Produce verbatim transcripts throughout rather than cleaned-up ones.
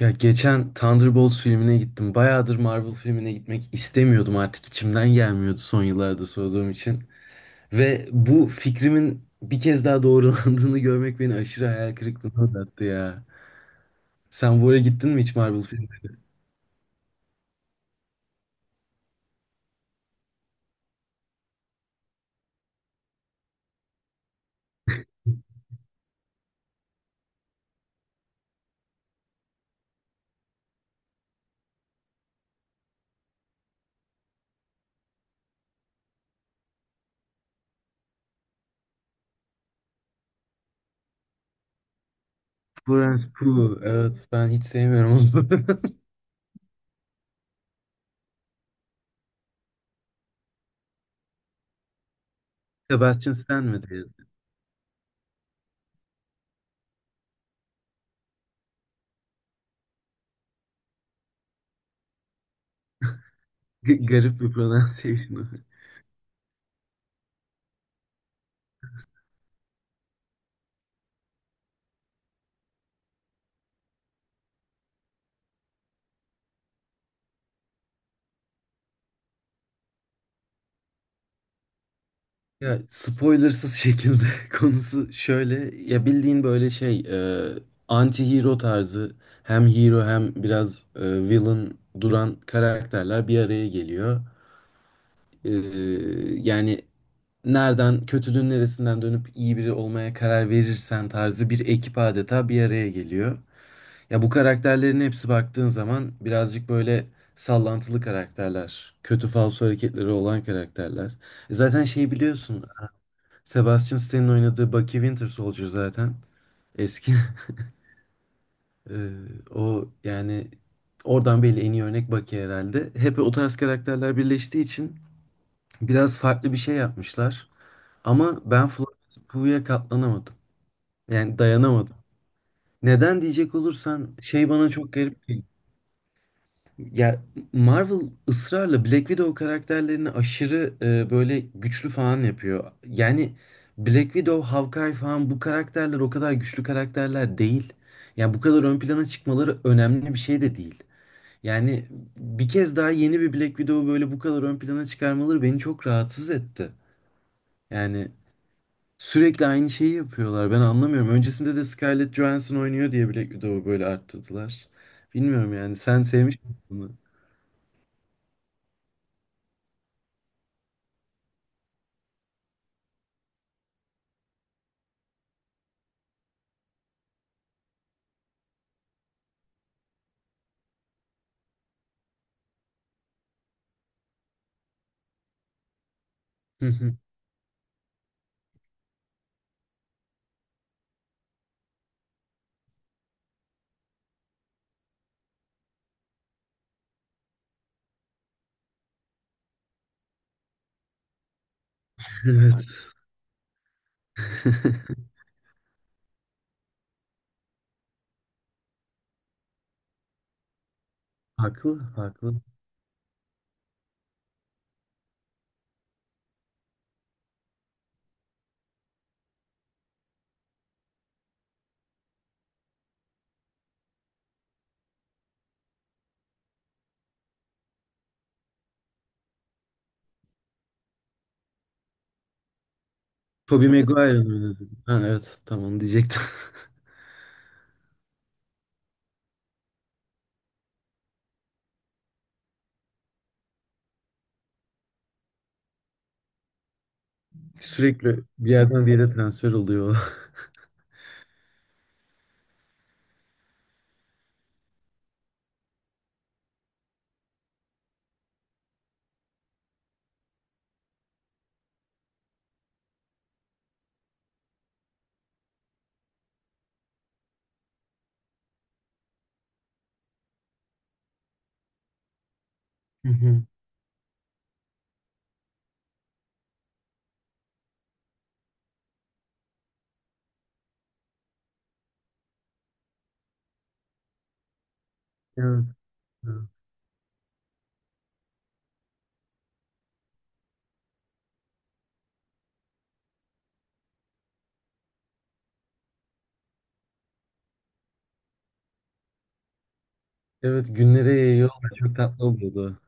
Ya geçen Thunderbolts filmine gittim. Bayağıdır Marvel filmine gitmek istemiyordum artık içimden gelmiyordu son yıllarda sorduğum için. Ve bu fikrimin bir kez daha doğrulandığını görmek beni aşırı hayal kırıklığına uğrattı ya. Sen bu ara gittin mi hiç Marvel filmine? Florence Pugh. Evet ben hiç sevmiyorum onu. Sebastian Stan mi diye. G- garip bir pronunciation. Ya spoilersız şekilde konusu şöyle ya bildiğin böyle şey e, anti-hero tarzı hem hero hem biraz e, villain duran karakterler bir araya geliyor. E, Yani nereden kötülüğün neresinden dönüp iyi biri olmaya karar verirsen tarzı bir ekip adeta bir araya geliyor. Ya bu karakterlerin hepsi baktığın zaman birazcık böyle sallantılı karakterler, kötü falso hareketleri olan karakterler. E, Zaten şey biliyorsun Sebastian Stan'ın oynadığı Bucky Winter Soldier zaten. Eski. Ee, O yani oradan belli en iyi örnek Bucky herhalde. Hep o tarz karakterler birleştiği için biraz farklı bir şey yapmışlar. Ama ben Florence Pugh'ya katlanamadım. Yani dayanamadım. Neden diyecek olursan şey bana çok garip geliyor. Ya Marvel ısrarla Black Widow karakterlerini aşırı e, böyle güçlü falan yapıyor. Yani Black Widow, Hawkeye falan bu karakterler o kadar güçlü karakterler değil. Yani bu kadar ön plana çıkmaları önemli bir şey de değil. Yani bir kez daha yeni bir Black Widow'u böyle bu kadar ön plana çıkarmaları beni çok rahatsız etti. Yani sürekli aynı şeyi yapıyorlar. Ben anlamıyorum. Öncesinde de Scarlett Johansson oynuyor diye Black Widow'u böyle arttırdılar. Bilmiyorum yani. Sen sevmiş misin bunu? Evet. Haklı, haklı. Tobey Maguire'ın oynadı. Ha, evet, tamam diyecektim. Sürekli bir yerden bir yere transfer oluyor. Hı hı. Evet. Evet, evet, günlere yayıyor ama çok tatlı oluyordu.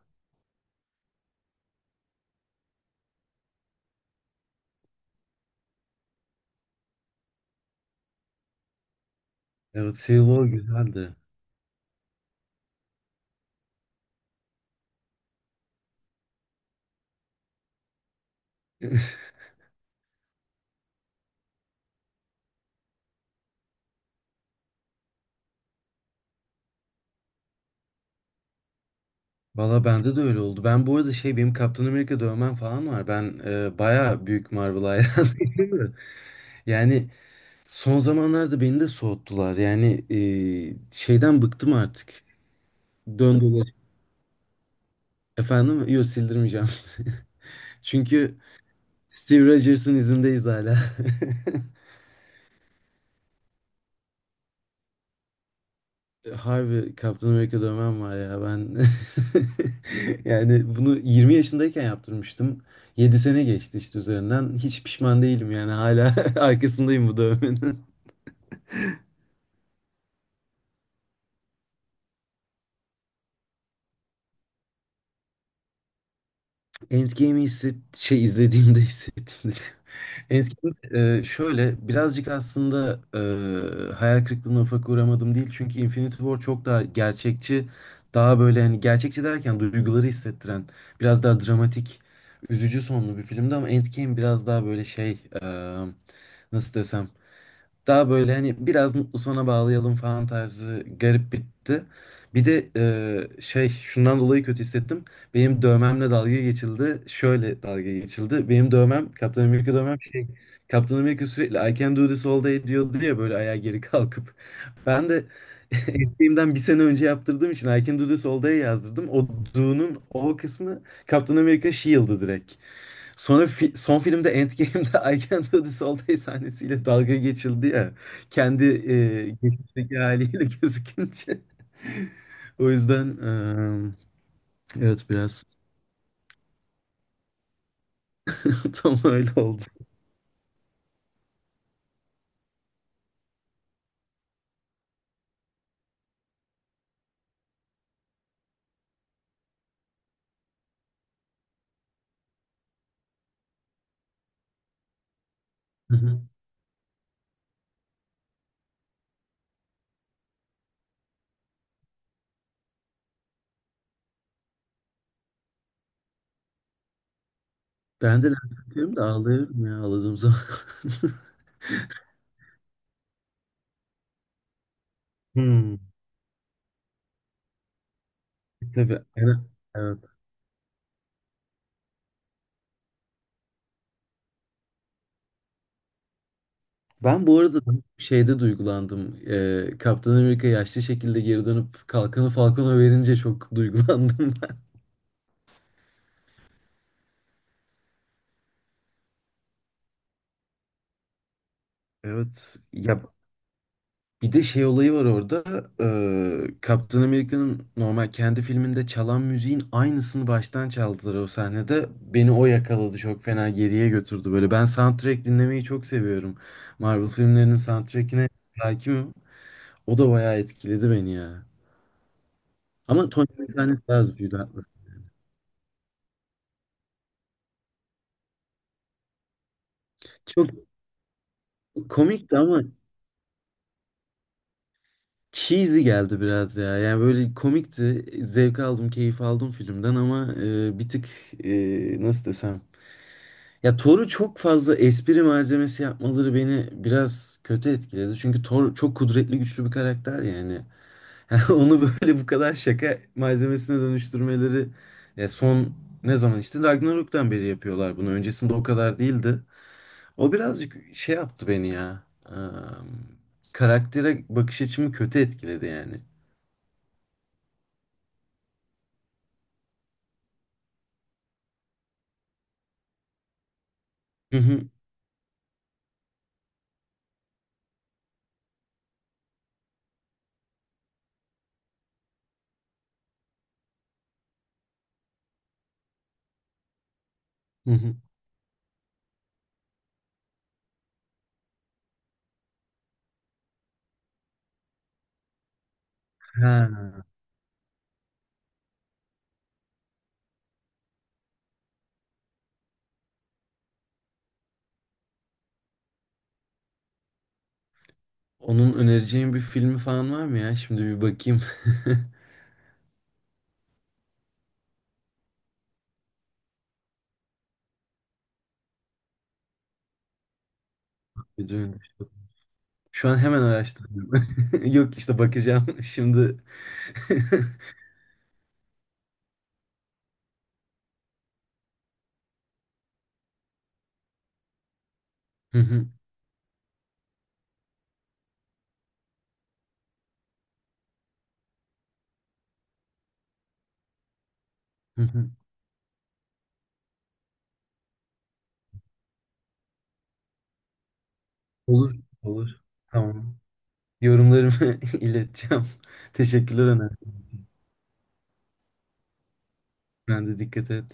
Evet, Civil War güzeldi. Valla bende de öyle oldu. Ben bu arada şey benim Kaptan Amerika dövmem falan var. Ben e, baya büyük Marvel hayranıyım. da. Yani son zamanlarda beni de soğuttular. Yani e, şeyden bıktım artık. Dön Efendim? Yok sildirmeyeceğim. Çünkü Steve Rogers'ın izindeyiz hala. Harbi Captain America dövmem var ya ben. Yani bunu yirmi yaşındayken yaptırmıştım. Yedi sene geçti işte üzerinden. Hiç pişman değilim yani hala arkasındayım bu dövmenin. Endgame'i hisset, şey izlediğimde hissettiğimde Endgame e, şöyle birazcık aslında e, hayal kırıklığına ufak uğramadım değil. Çünkü Infinity War çok daha gerçekçi, daha böyle hani gerçekçi derken duyguları hissettiren, biraz daha dramatik, üzücü sonlu bir filmdi ama Endgame biraz daha böyle şey e, nasıl desem daha böyle hani biraz mutlu sona bağlayalım falan tarzı garip bitti. Bir de e, şey şundan dolayı kötü hissettim. Benim dövmemle dalga geçildi. Şöyle dalga geçildi. Benim dövmem Kaptan Amerika dövmem şey Kaptan Amerika sürekli I can do this all day diyordu ya böyle ayağa geri kalkıp. Ben de eskiğimden bir sene önce yaptırdığım için I can do this all day yazdırdım. O do'nun o kısmı Kaptan Amerika Shield'ı direkt. Sonra fi- son filmde Endgame'de I Can Do This All Day sahnesiyle dalga geçildi ya. Kendi e, geçmişteki haliyle gözükünce. O yüzden e, evet biraz tam öyle oldu. Hı hı. Ben de lens takıyorum da ağlıyorum ya ağladığım zaman. Hmm. Tabii. Yani, evet. Ben bu arada şeyde duygulandım. E, Kaptan Amerika yaşlı şekilde geri dönüp kalkanı Falcon'a verince çok duygulandım. Evet. Ya bir de şey olayı var orada. eee Captain America'nın normal kendi filminde çalan müziğin aynısını baştan çaldılar o sahnede. Beni o yakaladı. Çok fena geriye götürdü böyle. Ben soundtrack dinlemeyi çok seviyorum. Marvel filmlerinin soundtrackine hakimim. O da bayağı etkiledi beni ya. Ama Tony Stark'ın sahnesi daha üzücüydü. Haklısın. Çok komikti ama cheesy geldi biraz ya. Yani böyle komikti. Zevk aldım, keyif aldım filmden ama eee, bir tık eee, nasıl desem ya Thor'u çok fazla espri malzemesi yapmaları beni biraz kötü etkiledi. Çünkü Thor çok kudretli güçlü bir karakter yani. Onu böyle bu kadar şaka malzemesine dönüştürmeleri ya son ne zaman işte Ragnarok'tan beri yapıyorlar bunu. Öncesinde o kadar değildi. O birazcık şey yaptı beni ya. Eee, Karaktere bakış açımı kötü etkiledi yani. Hı hı, hı hı. Ha, onun önereceğin bir filmi falan var mı ya? Şimdi bir bakayım. Bir dön. Şu an hemen araştırıyorum. Yok işte bakacağım şimdi. Hı hı, hı hı. Olur, olur. Tamam. Yorumlarımı ileteceğim. Teşekkürler Öner. Sen de dikkat et.